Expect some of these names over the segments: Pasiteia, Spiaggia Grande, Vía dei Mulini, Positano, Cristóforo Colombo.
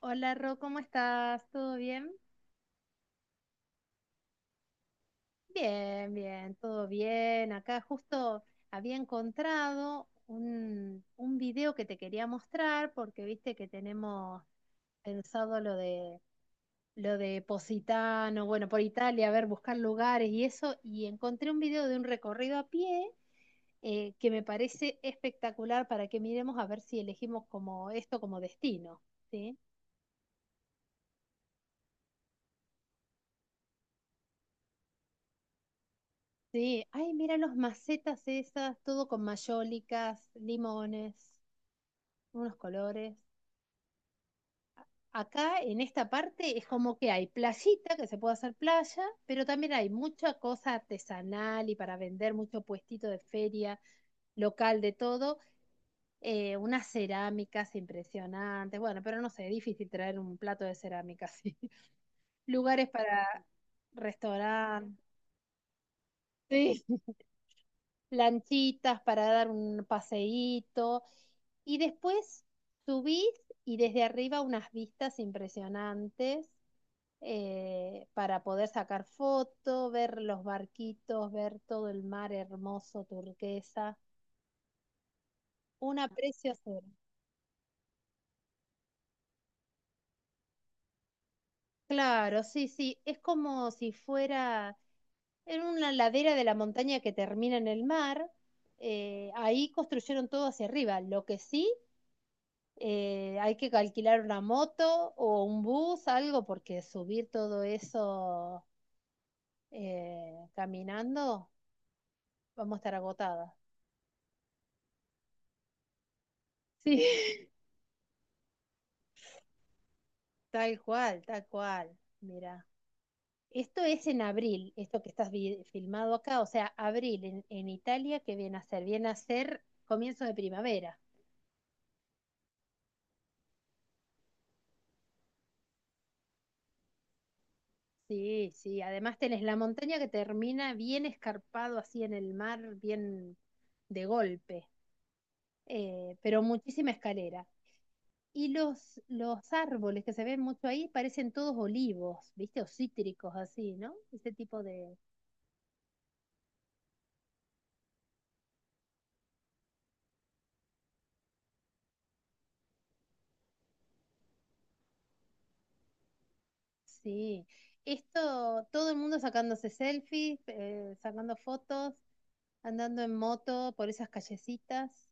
Hola Ro, ¿cómo estás? ¿Todo bien? Bien, bien, todo bien. Acá justo había encontrado un video que te quería mostrar porque viste que tenemos pensado lo de Positano, bueno, por Italia, a ver, buscar lugares y eso, y encontré un video de un recorrido a pie que me parece espectacular para que miremos a ver si elegimos como esto como destino, ¿sí? Sí, ay, mira los macetas esas, todo con mayólicas, limones, unos colores. Acá en esta parte es como que hay playita, que se puede hacer playa, pero también hay mucha cosa artesanal y para vender, mucho puestito de feria, local de todo, unas cerámicas impresionantes. Bueno, pero no sé, es difícil traer un plato de cerámica. Sí. Lugares para restaurantes. Lanchitas para dar un paseíto. Y después subís y desde arriba unas vistas impresionantes, para poder sacar foto, ver los barquitos, ver todo el mar hermoso, turquesa. Una preciosura. Claro, sí, sí. Es como si fuera en una ladera de la montaña que termina en el mar. Ahí construyeron todo hacia arriba. Lo que sí, hay que alquilar una moto o un bus, algo, porque subir todo eso caminando, vamos a estar agotadas. Sí. Tal cual, tal cual. Mira, esto es en abril, esto que estás filmado acá, o sea, abril en Italia, ¿qué viene a ser? Viene a ser comienzo de primavera. Sí, sí, además tenés la montaña que termina bien escarpado así en el mar, bien de golpe, pero muchísima escalera. Y los árboles que se ven mucho ahí parecen todos olivos, ¿viste? O cítricos, así, ¿no? Ese tipo de... Sí. Esto, todo el mundo sacándose selfies, sacando fotos, andando en moto por esas callecitas.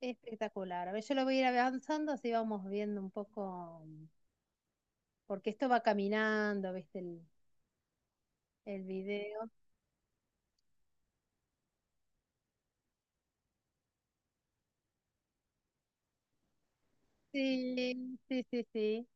Espectacular. A ver, yo lo voy a ir avanzando, así vamos viendo un poco, porque esto va caminando, ¿viste? El video. Sí, sí, sí, sí.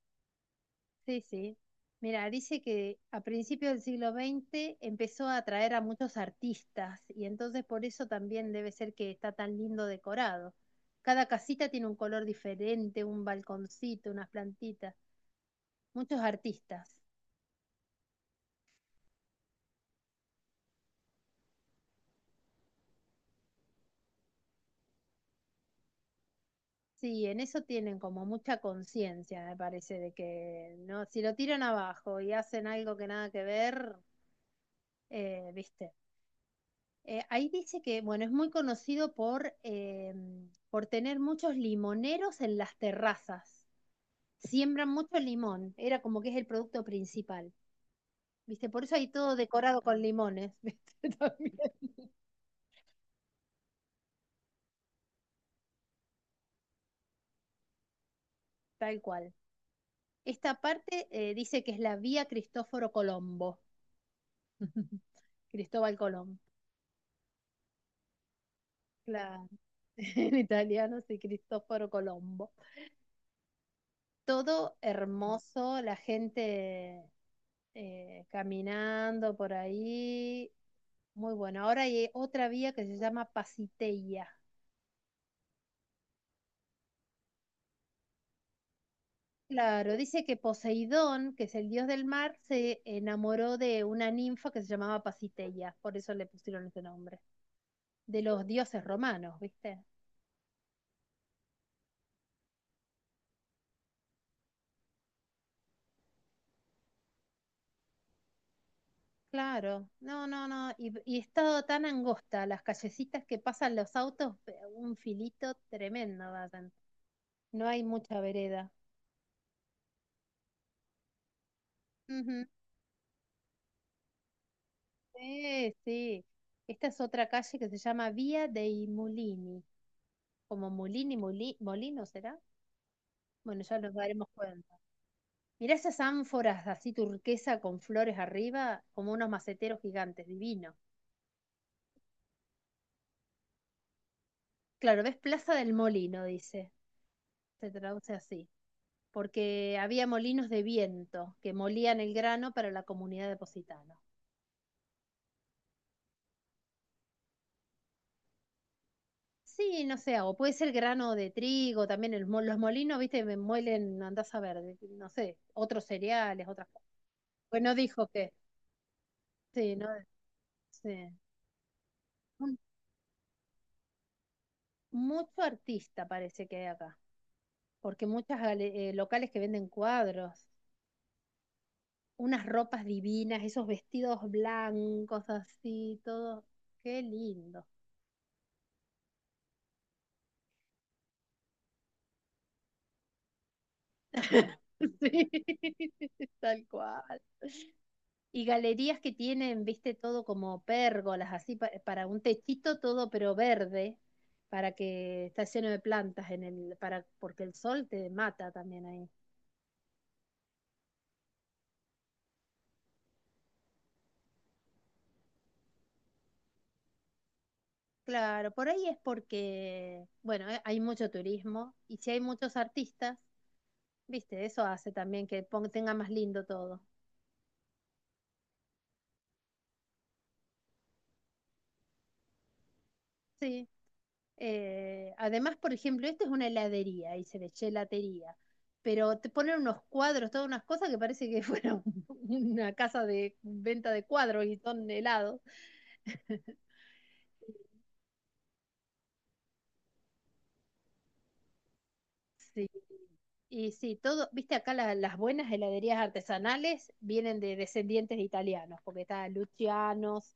Sí, sí. Mira, dice que a principios del siglo XX empezó a atraer a muchos artistas y entonces por eso también debe ser que está tan lindo decorado. Cada casita tiene un color diferente, un balconcito, unas plantitas, muchos artistas. Sí, en eso tienen como mucha conciencia, me parece, de que no, si lo tiran abajo y hacen algo que nada que ver, viste. Ahí dice que, bueno, es muy conocido por tener muchos limoneros en las terrazas. Siembran mucho limón, era como que es el producto principal, ¿viste? Por eso hay todo decorado con limones, ¿viste? También, tal cual. Esta parte dice que es la vía Cristóforo Colombo, Cristóbal Colón, claro, en italiano sí, Cristóforo Colombo. Todo hermoso, la gente caminando por ahí. Muy bueno. Ahora hay otra vía que se llama Pasiteia. Claro, dice que Poseidón, que es el dios del mar, se enamoró de una ninfa que se llamaba Pasiteia, por eso le pusieron ese nombre. De los dioses romanos, ¿viste? Claro, no, no, no. Y estado tan angosta, las callecitas que pasan los autos, un filito tremendo, hacen. No hay mucha vereda. Ujú. Sí, sí. Esta es otra calle que se llama Vía dei Mulini. Como Mulini, Molino, ¿será? Bueno, ya nos daremos cuenta. Mirá esas ánforas así turquesa con flores arriba, como unos maceteros gigantes, divino. Claro, ves Plaza del Molino, dice. Se traduce así. Porque había molinos de viento que molían el grano para la comunidad de Positano. Sí, no sé, o puede ser grano de trigo, también el los molinos, viste, me muelen, no andás a ver, no sé, otros cereales, otras cosas. Pues no dijo que, sí, no, sí. Un- Mucho artista parece que hay acá, porque muchas locales que venden cuadros, unas ropas divinas, esos vestidos blancos así, todo, qué lindo. Sí, tal cual. Y galerías que tienen, viste, todo como pérgolas, así para un techito todo, pero verde, para que está lleno de plantas en el, para, porque el sol te mata también ahí. Claro, por ahí es porque, bueno, hay mucho turismo y si hay muchos artistas, viste, eso hace también que tenga más lindo todo. Sí. Además, por ejemplo, esta es una heladería y se le gelatería, pero te ponen unos cuadros, todas unas cosas que parece que fuera una casa de venta de cuadros y son helados. Sí, y sí, todo, viste acá las buenas heladerías artesanales vienen de descendientes de italianos, porque está Lucianos,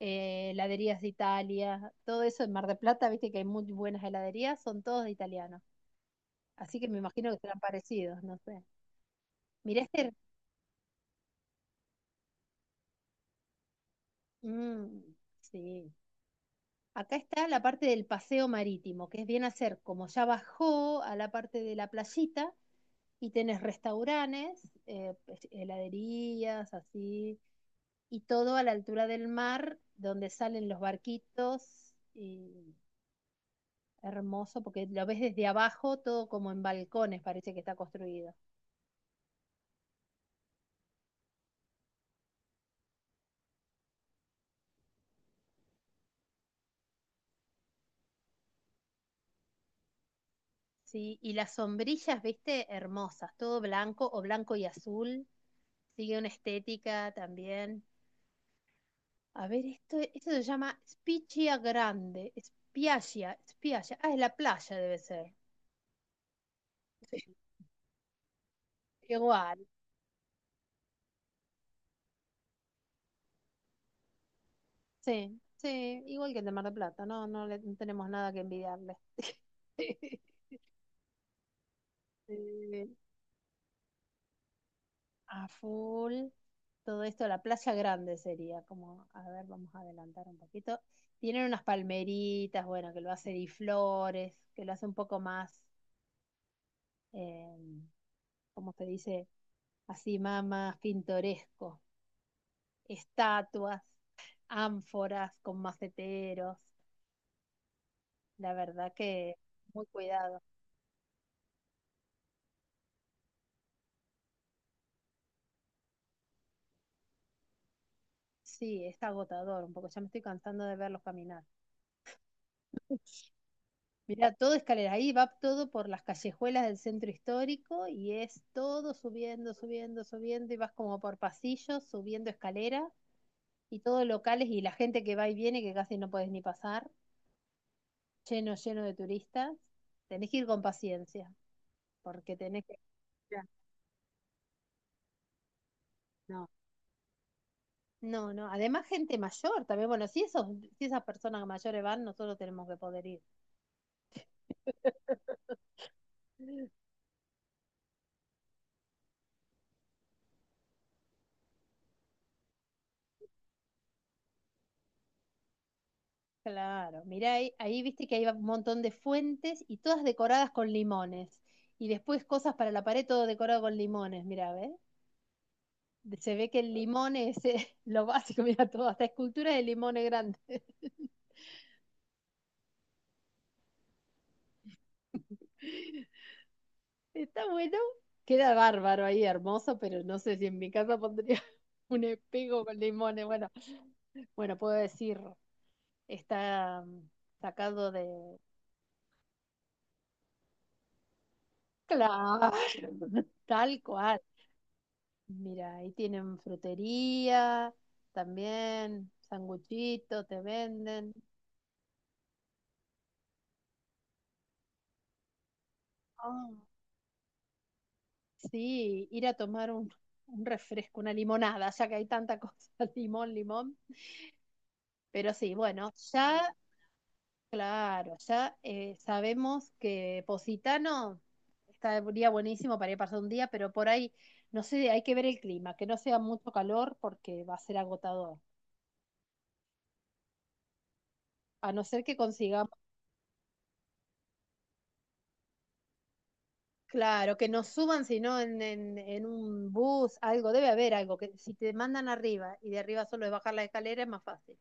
heladerías de Italia, todo eso en Mar del Plata, viste que hay muy buenas heladerías, son todos de italianos. Así que me imagino que serán parecidos, no sé. Mirá este, mm, sí. Acá está la parte del paseo marítimo, que es bien hacer como ya bajó a la parte de la playita y tenés restaurantes, pues, heladerías, así, y todo a la altura del mar, donde salen los barquitos, y hermoso, porque lo ves desde abajo, todo como en balcones parece que está construido. Sí, y las sombrillas, viste, hermosas, todo blanco o blanco y azul, sigue una estética también. A ver, esto se llama Spiaggia Grande. Spiaggia, Spiaggia. Ah, es la playa, debe ser. Sí. Igual. Sí, sí, igual que el de Mar del Plata. No, no, no tenemos nada que envidiarle. Eh, a full. Todo esto, la playa grande sería como, a ver, vamos a adelantar un poquito. Tienen unas palmeritas, bueno, que lo hace Di Flores, que lo hace un poco más, eh, ¿cómo se dice? Así más, más pintoresco. Estatuas, ánforas con maceteros, la verdad que muy cuidado. Sí, es agotador un poco, ya me estoy cansando de verlos caminar. Mirá, todo escalera, ahí va todo por las callejuelas del centro histórico y es todo subiendo, subiendo, subiendo y vas como por pasillos, subiendo escalera y todos locales y la gente que va y viene que casi no puedes ni pasar, lleno, lleno de turistas. Tenés que ir con paciencia porque tenés que... Ya. No. No, no. Además, gente mayor también. Bueno, si esas personas mayores van, nosotros tenemos que poder ir. Claro. Mirá, ahí viste que hay un montón de fuentes y todas decoradas con limones. Y después cosas para la pared, todo decorado con limones. Mirá, ¿ves? Se ve que el limón es lo básico, mira todo, hasta esculturas de limones grandes. Está bueno, queda bárbaro ahí, hermoso, pero no sé si en mi casa pondría un espejo con limones. Bueno, bueno, puedo decir, está sacado de. Claro, tal cual. Mira, ahí tienen frutería, también sanguchito, te venden. Ah, sí, ir a tomar un refresco, una limonada, ya que hay tanta cosa, limón, limón. Pero sí, bueno, ya, claro, ya sabemos que Positano estaría buenísimo para ir a pasar un día, pero por ahí, no sé, hay que ver el clima, que no sea mucho calor porque va a ser agotador. A no ser que consigamos. Claro, que no suban, sino en un bus, algo, debe haber algo, que si te mandan arriba y de arriba solo es bajar la escalera es más fácil.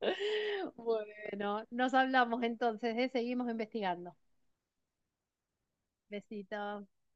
Bueno, nos hablamos entonces, ¿eh? Seguimos investigando. Besitos.